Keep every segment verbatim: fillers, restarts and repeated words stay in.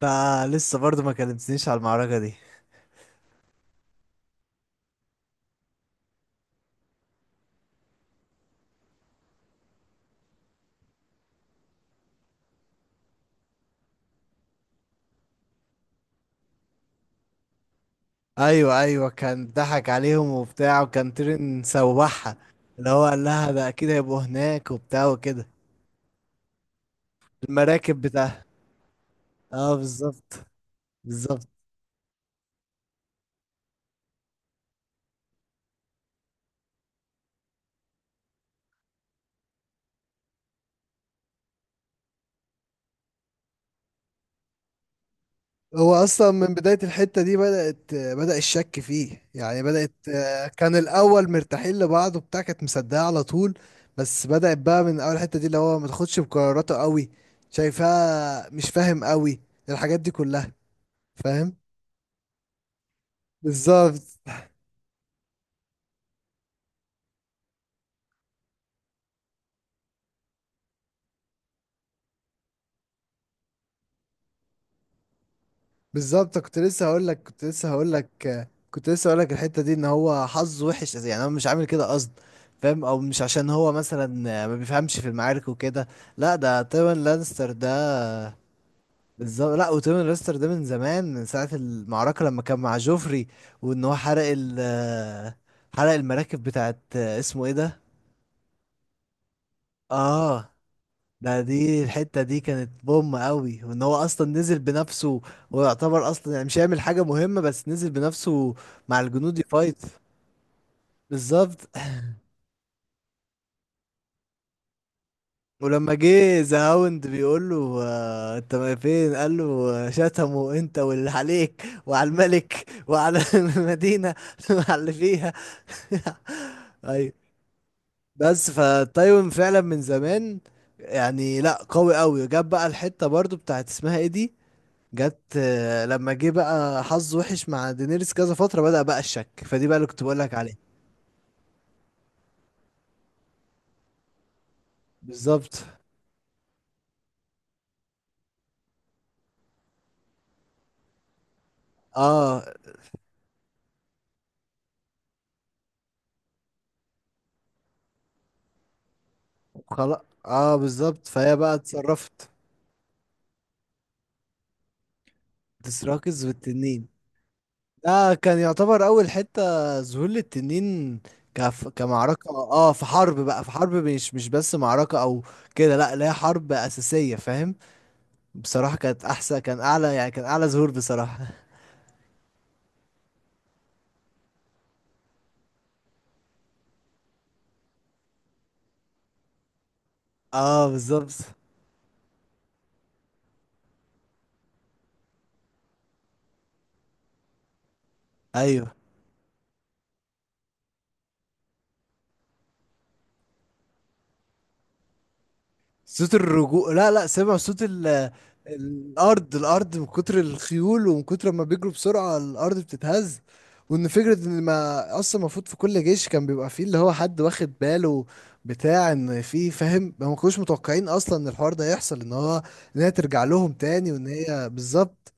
ده لسه برضه ما كلمتنيش على المعركة دي. ايوه ايوه، كان ضحك عليهم وبتاع، وكان تيرن سوحها. اللي هو قال لها ده اكيد هيبقوا هناك وبتاع وكده. المراكب بتاعها. اه بالظبط. بالظبط. هو اصلا من بدايه الحته دي بدات بدا الشك فيه، يعني بدات آه، كان الاول مرتاحين لبعض وبتاع، كانت مصدقه على طول. بس بدات بقى من اول حته دي اللي هو ما تاخدش بقراراته قوي. شايفاه مش فاهم قوي. الحاجات دي كلها. فاهم. بالظبط. بالظبط، كنت لسه هقول لك كنت لسه هقول لك كنت لسه هقول لك الحته دي ان هو حظه وحش، يعني هو مش عامل كده قصد. فاهم، او مش عشان هو مثلا ما بيفهمش في المعارك وكده. لا، ده تيون لانستر ده. بالظبط. لا، وتيون لانستر ده من زمان، من ساعه المعركه لما كان مع جوفري، وان هو حرق ال حرق المراكب بتاعت اسمه ايه ده. اه. ده دي الحتة دي كانت بوم قوي، وان هو اصلا نزل بنفسه. ويعتبر اصلا يعني مش هيعمل حاجة مهمة، بس نزل بنفسه مع الجنود يفايت. بالظبط. ولما جه ذا هاوند بيقول له آه، انت ما فين، قال له آه، شتمه انت واللي عليك وعلى الملك وعلى المدينة وعلى اللي فيها. ايوه. بس فتايوان فعلا من زمان، يعني لا، قوي قوي. جاب بقى الحتة برضو بتاعت اسمها ايه دي. جت آه، لما جه بقى حظ وحش مع دينيريس كذا فترة، بدأ بقى الشك فدي بقى اللي كنت بقول لك عليه. بالظبط. اه. خلاص، اه بالظبط، فهي بقى اتصرفت. ديسراكس والتنين، ده كان يعتبر اول حتة ظهور للتنين. كف... كمعركة، اه، في حرب بقى، في حرب مش مش بس معركة او كده. لا لا، هي حرب أساسية، فاهم. بصراحة كانت احسن، كان اعلى، يعني كان اعلى ظهور بصراحة. اه بالظبط. ايوه. صوت الرجوع، لا لا، سامع صوت ال... الارض. الارض، من كتر الخيول ومن كتر ما بيجروا بسرعه الارض بتتهز. وان فكره ان ما اصلا المفروض في كل جيش كان بيبقى فيه اللي هو حد واخد باله بتاع ان في، فاهم، ما كانوش متوقعين اصلا ان الحوار ده يحصل، ان هو ان هي ترجع لهم تاني، وان هي بالظبط.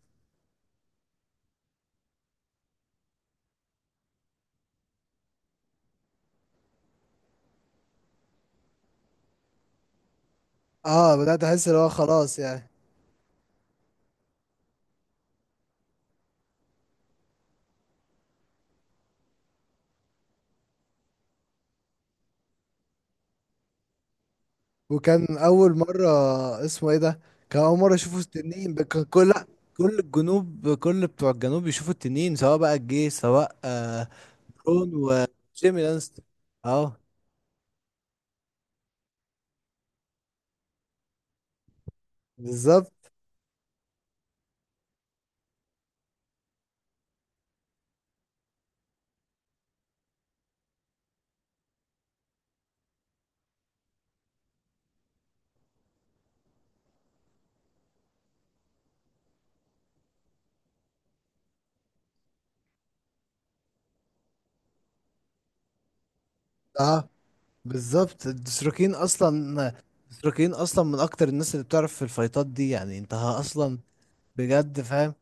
اه بدات احس اللي هو خلاص يعني. وكان اول مره. اسمه ايه ده. كان اول مره يشوفوا التنين، ب- كان كل، لأ، كل الجنوب، كل بتوع الجنوب يشوفوا التنين، سواء بقى الجيش سواء آه رون وجيمي لانستر. اه بالظبط. اه بالظبط. الدستروكين اصلا، الدستروكين اصلا من اكتر الناس اللي بتعرف في الفايتات دي، يعني انت اصلا بجد فاهم.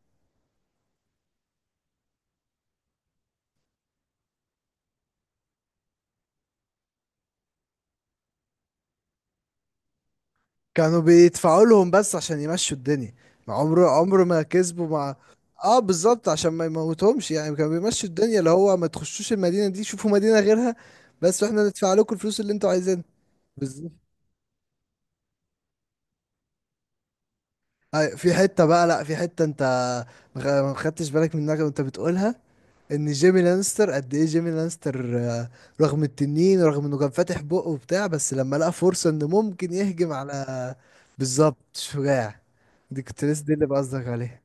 كانوا بيدفعوا لهم بس عشان يمشوا الدنيا، ما عمره عمره ما كسبوا مع. اه بالظبط، عشان ما يموتهمش يعني، كانوا بيمشوا الدنيا اللي هو ما تخشوش المدينة دي، شوفوا مدينة غيرها، بس واحنا ندفع لكم الفلوس اللي انتوا عايزينها. بالظبط. أي- في حتة بقى، لا، في حتة انت ما خ- ما خدتش بالك منها وانت بتقولها، ان جيمي لانستر قد ايه، جيمي لانستر آه، رغم التنين، رغم انه كان فاتح بقه وبتاع، بس لما لقى فرصة انه ممكن يهجم على. بالظبط شجاع. دي كنت لسه، دي اللي بقصدك عليها.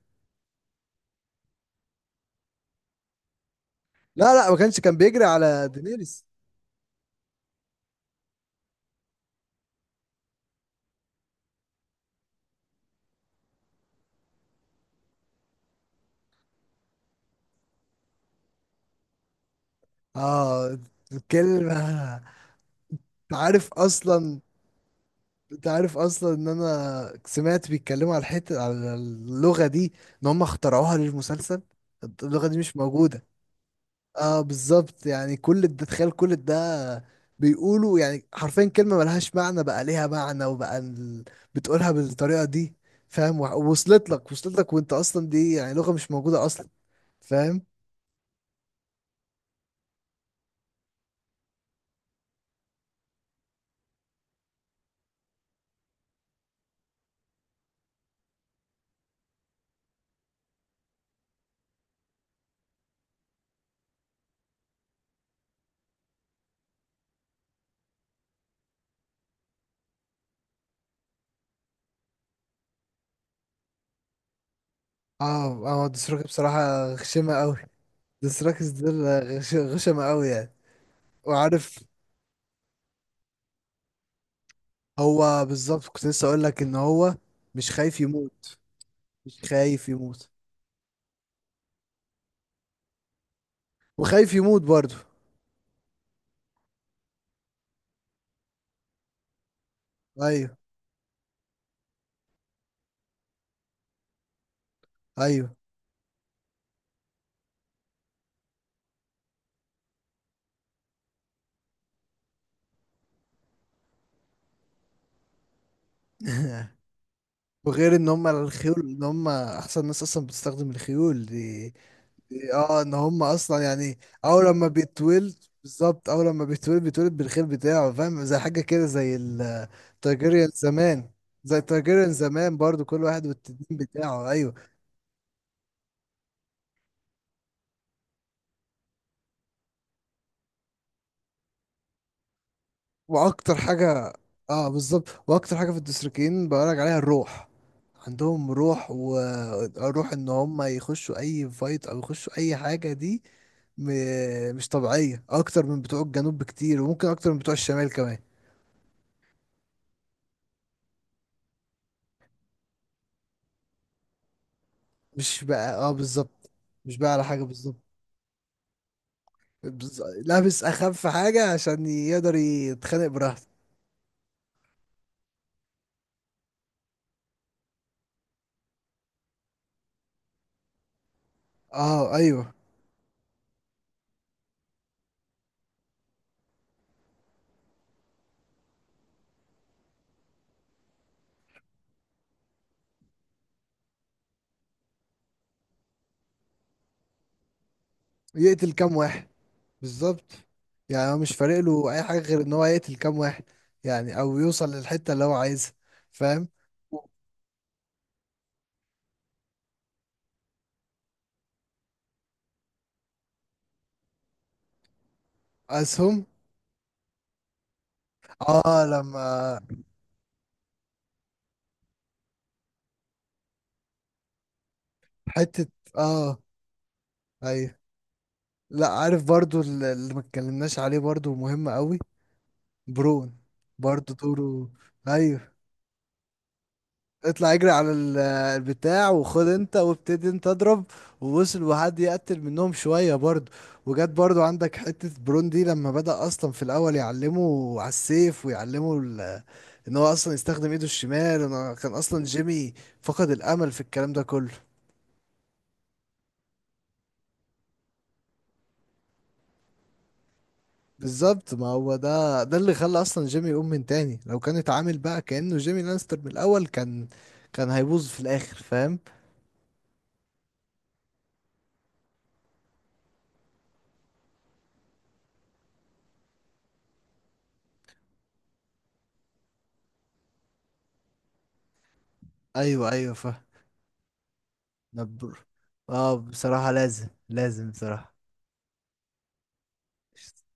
لا لا، ما كانش كان بيجري على دينيريس. اه. الكلمة. انت عارف اصلا. انت عارف اصلا ان انا سمعت بيتكلموا على الحتة، على اللغة دي، ان هم اخترعوها للمسلسل، اللغة دي مش موجودة. اه بالظبط، يعني كل ده تخيل، كل ده بيقولوا، يعني حرفيا كلمة ملهاش معنى بقى ليها معنى وبقى ال... بتقولها بالطريقة دي. فاهم، وصلت لك وصلت لك، وانت اصلا دي يعني لغة مش موجودة اصلا. فاهم. اه اه دي بصراحة غشيمة أوي، ديسراكس ده. غش- غشم قوي يعني. وعارف، هو بالظبط كنت لسه اقول لك ان هو مش خايف يموت. مش خايف يموت، وخايف يموت برضه. ايوه ايوه. وغير ان هم الخيول، ان هم احسن ناس اصلا بتستخدم الخيول دي، دي اه ان هم اصلا يعني اول لما بيتولد. بالظبط، اول لما بيتولد بيتولد بالخيل بتاعه، فاهم، زي حاجه كده، زي التايجيريان زمان. زي التايجيريان زمان برضو، كل واحد والتنين بتاعه، ايوه. واكتر حاجه. اه بالظبط، واكتر حاجه في الدستريكيين بقولك عليها الروح. عندهم روح، وروح ان هم يخشوا اي فايت او يخشوا اي حاجه دي م... مش طبيعيه، اكتر من بتوع الجنوب بكتير، وممكن اكتر من بتوع الشمال كمان. مش بقى، اه بالظبط، مش بقى على حاجه، بالظبط. بز... لابس اخف حاجه عشان يقدر يتخانق براحته. اه ايوه. يقتل كام. بالظبط، يعني هو مش فارق له اي حاجه غير ان هو يقتل كام واحد، يعني او يوصل للحته اللي هو عايزها. فاهم. اسهم. اه. لما. حته. اه. ايوه. لا، عارف برضو، اللي اللي ما اتكلمناش عليه برضو مهم قوي. برون. برضو دوره. ايوه. اطلع اجري على ال- البتاع، وخد انت وابتدي انت اضرب، ووصل، وحد يقتل منهم شوية برضو. وجت برضو عندك حتة برون دي لما بدأ اصلا في الاول يعلمه على السيف، ويعلمه ال- ان هو اصلا يستخدم ايده الشمال، انا كان اصلا جيمي فقد الامل في الكلام ده كله. بالظبط، ما هو ده ده اللي خلى اصلا جيمي يقوم من تاني، لو كان اتعامل بقى كأنه جيمي لانستر من الاول، كان كان هيبوظ في الاخر فاهم. ايوه ايوه فاهم. نبر. اه بصراحة، لازم لازم، بصراحة. إيش